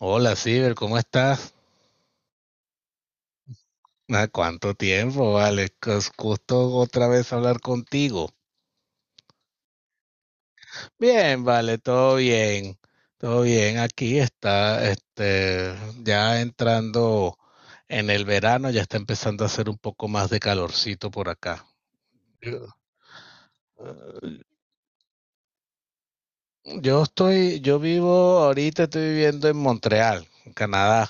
Hola, Ciber, ¿cómo estás? Ah, ¿cuánto tiempo, vale? Es gusto otra vez hablar contigo. Bien, vale, todo bien. Todo bien, aquí está, ya entrando en el verano, ya está empezando a hacer un poco más de calorcito por acá. Yo eh, yo vivo ahorita, estoy viviendo en Montreal, en Canadá.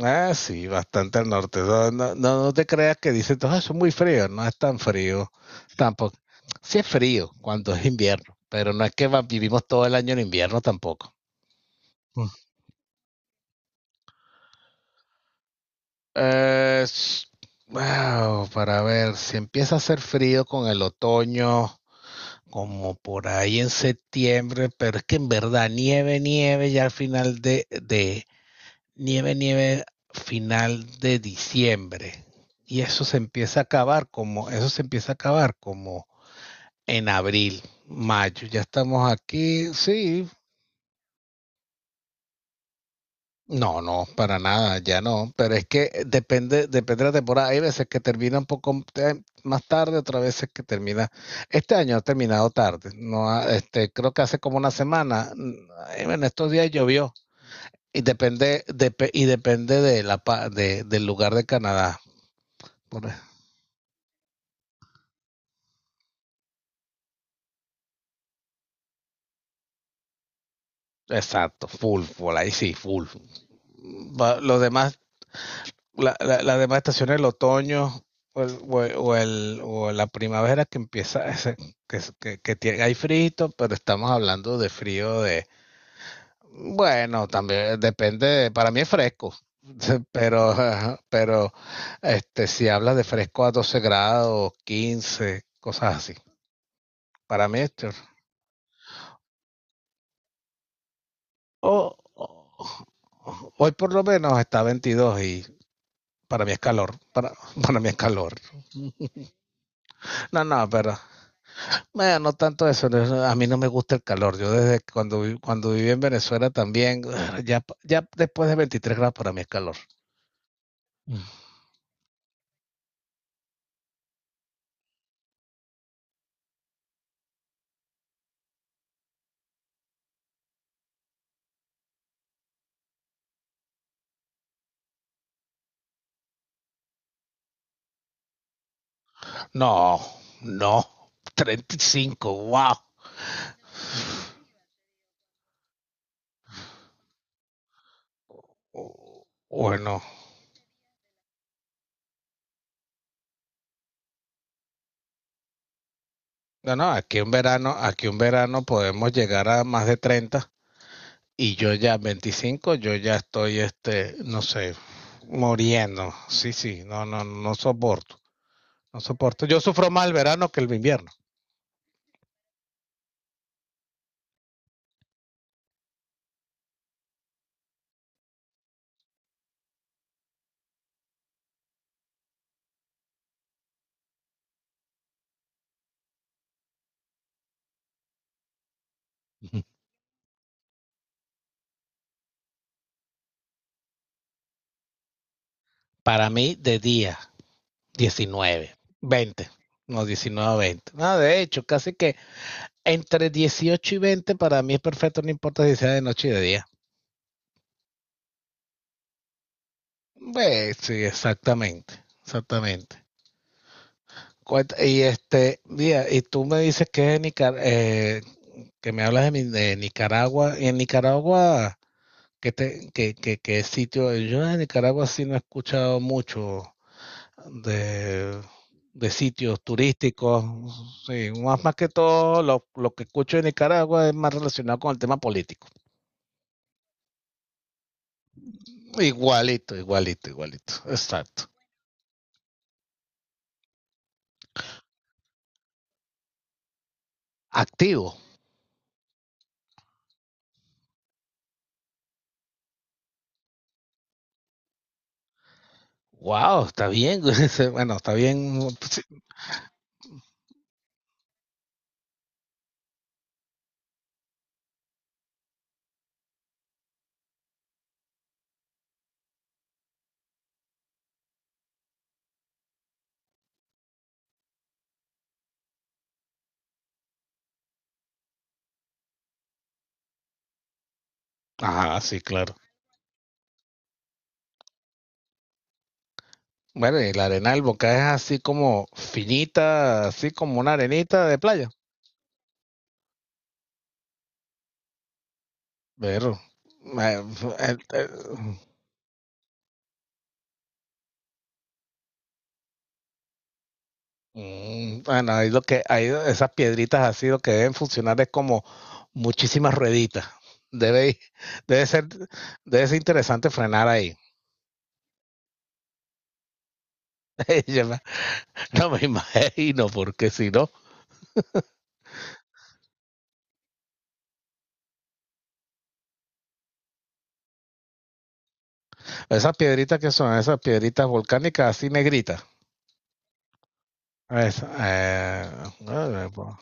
Ah, sí, bastante al norte. No te creas que dicen, "Ah, eso es muy frío. No es tan frío" tampoco. Sí es frío cuando es invierno, pero no es que vivimos todo el año en invierno tampoco. Mm. Eh, s- wow, para ver, si empieza a hacer frío con el otoño, como por ahí en septiembre, pero es que en verdad nieve, nieve ya al final nieve, nieve final de diciembre. Y eso se empieza a acabar como en abril, mayo. Ya estamos aquí, sí. No, no, para nada, ya no. Pero es que depende, depende de la temporada. Hay veces que termina un poco más tarde, otras veces que termina. Este año ha terminado tarde. No, creo que hace como una semana. En estos días llovió. Y depende de la, pa- de, del lugar de Canadá. Por- e, Exacto, full, full, ahí sí, full. Los demás, las demás estaciones, el otoño o la primavera que empieza, que tiene, hay frío, pero estamos hablando de frío bueno, también depende, para mí es fresco, pero, ajá, pero si hablas de fresco a 12 grados, 15, cosas así. Para mí, hoy por lo menos está 22 y para mi escalor, para, para mi escalor. No, no, pero bueno, no tanto eso, a mí no me gusta el calor. Yo desde cuando viví en Venezuela también, ya, ya después de 23 grados para mí es calor. No, no, 35, wow. Bueno, no, no, aquí un verano podemos llegar a más de 30 y yo ya 25, yo ya estoy, no sé, muriendo. Sí, sí, no, no, no soporto. No soporto. Yo sufro más el verano que el invierno. Para mí, de día, diecinueve, veinte. No, diecinueve veinte. 20. No, de hecho, casi que entre dieciocho y veinte para mí es perfecto, no importa si sea de noche y de día. Pues, sí, exactamente. Exactamente. Y mira, y tú me dices que es que me hablas de Nicaragua, y en Nicaragua, ¿qué te, qué, qué- qué sitio? Yo en Nicaragua sí no he escuchado mucho de, de sitios turísticos, sí, más, más que todo lo que escucho de Nicaragua es más relacionado con el tema político. Igualito, igualito, igualito, exacto. Activo. Wow, está bien. Bueno, está bien. Sí. Ah, sí, claro. Bueno, y la arena del Boca es así como finita, así como una arenita de playa. Pero, eh, eh, eh, bueno, ahí lo que, ahí esas piedritas así lo que deben funcionar es como muchísimas rueditas. Debe, ir- debe ser, debe ser interesante frenar ahí. Yo me- no me imagino, porque si no, esas piedritas volcánicas así negritas. Esa, eh, eh, po-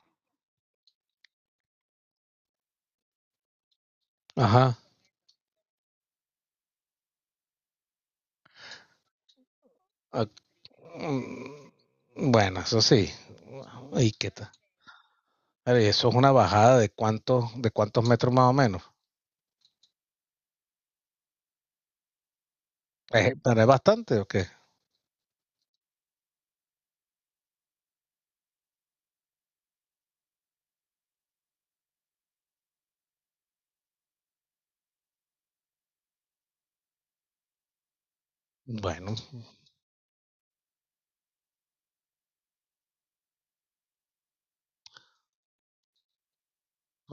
ajá. Mm, Bueno, eso sí. ¿Y qué tal? A ver, eso es una bajada de cuántos metros más o menos. ¿Pero es bastante o qué? Bueno,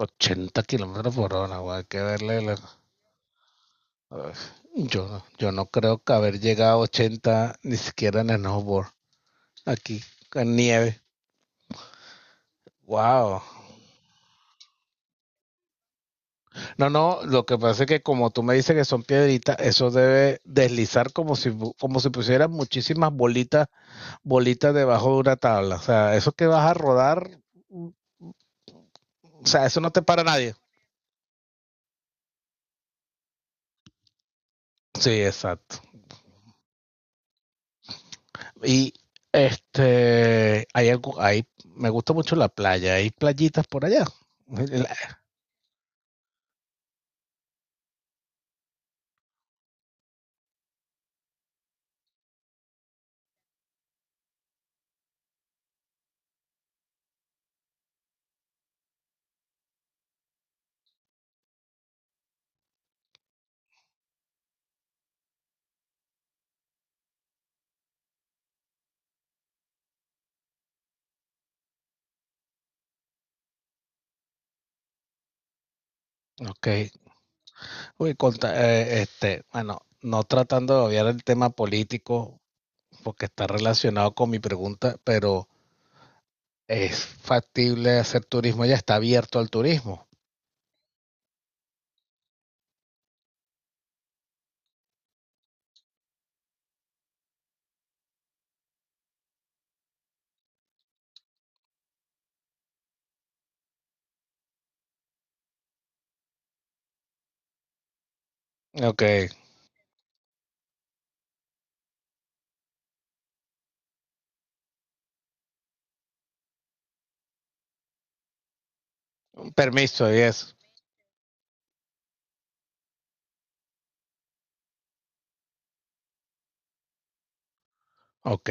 ochenta kilómetros por hora, güey, hay que darle la- Uf, Yo no creo que haber llegado a 80 ni siquiera en snowboard, aquí, en nieve. Wow. No, no, lo que pasa es que como tú me dices que son piedritas, eso debe deslizar como si pusieras muchísimas bolitas bolitas debajo de una tabla. O sea, eso que vas a rodar, o sea, eso no te para nadie. Sí, exacto. Y hay algo, hay, me gusta mucho la playa, hay playitas por allá. La- Ok. Uy, bueno, no tratando de obviar el tema político, porque está relacionado con mi pregunta, pero ¿es factible hacer turismo ya? ¿Está abierto al turismo? Ok, permiso y eso. Ok,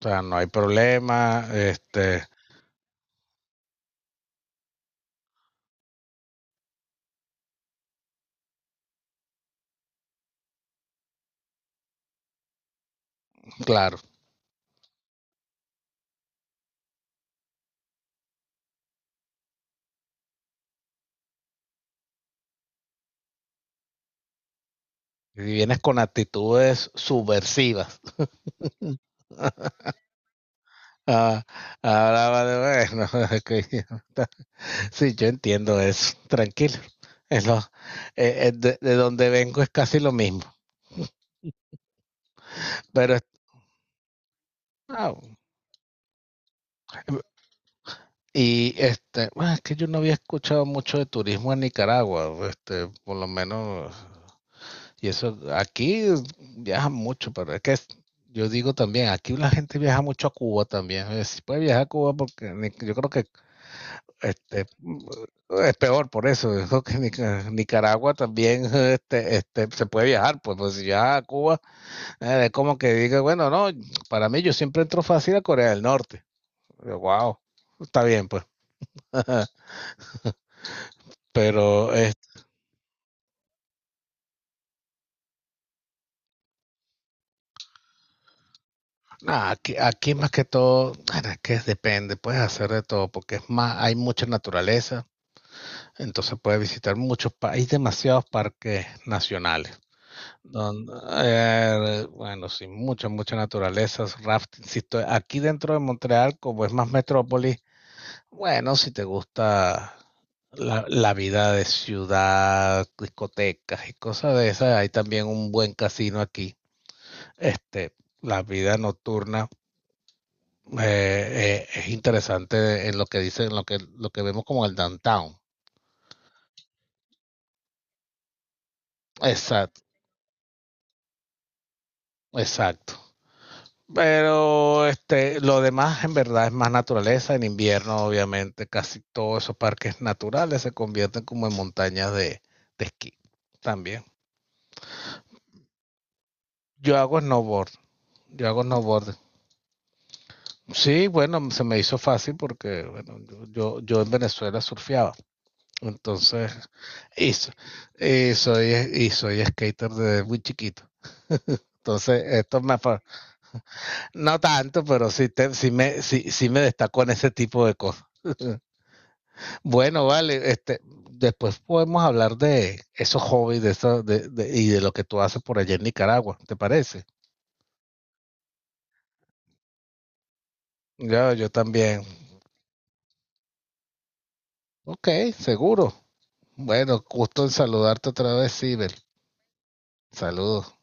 o sea, no hay problema, claro. Si vienes con actitudes subversivas. Ah, ahora vale, bueno, ok, sí, yo entiendo eso, tranquilo. Es lo, de donde vengo es casi lo mismo, pero es- ah, Y bueno, es que yo no había escuchado mucho de turismo en Nicaragua, por lo menos. Y eso, aquí viajan mucho, pero es que es- yo digo también, aquí la gente viaja mucho a Cuba también, si puede viajar a Cuba porque ni- yo creo que este mm, es peor por eso. Yo creo que Nicaragua también se puede viajar, pues, pues si viaja a Cuba, es como que diga, bueno, no. Para mí yo siempre entro fácil a Corea del Norte. Wow, está bien, pues. Pero ah, aquí más que todo, bueno, es que depende, puedes hacer de todo, porque es más, hay mucha naturaleza, entonces puedes visitar muchos países, hay demasiados parques nacionales. Donde, bueno, sí, mucha, mucha naturaleza, rafting. Si estoy aquí dentro de Montreal, como es más metrópolis, bueno, si te gusta la vida de ciudad, discotecas y cosas de esas, hay también un buen casino aquí. Este, la vida nocturna es interesante en lo que dicen, en lo que vemos como el downtown. Exacto, exacto. Pero lo demás en verdad es más naturaleza. En invierno, obviamente, casi todos esos parques naturales se convierten como en montañas de esquí también. Yo hago snowboard, yo hago snowboard. Sí, bueno, se me hizo fácil porque bueno, yo en Venezuela surfeaba. Entonces, y, so- y soy, y soy skater desde muy chiquito. Entonces, no tanto, pero sí, te, sí me, sí, sí me destacó en ese tipo de cosas. Bueno, vale, después podemos hablar de esos hobbies de eso, y de lo que tú haces por allá en Nicaragua, ¿te parece? Yo también. Ok, seguro. Bueno, gusto en saludarte otra vez, Sibel. Saludos.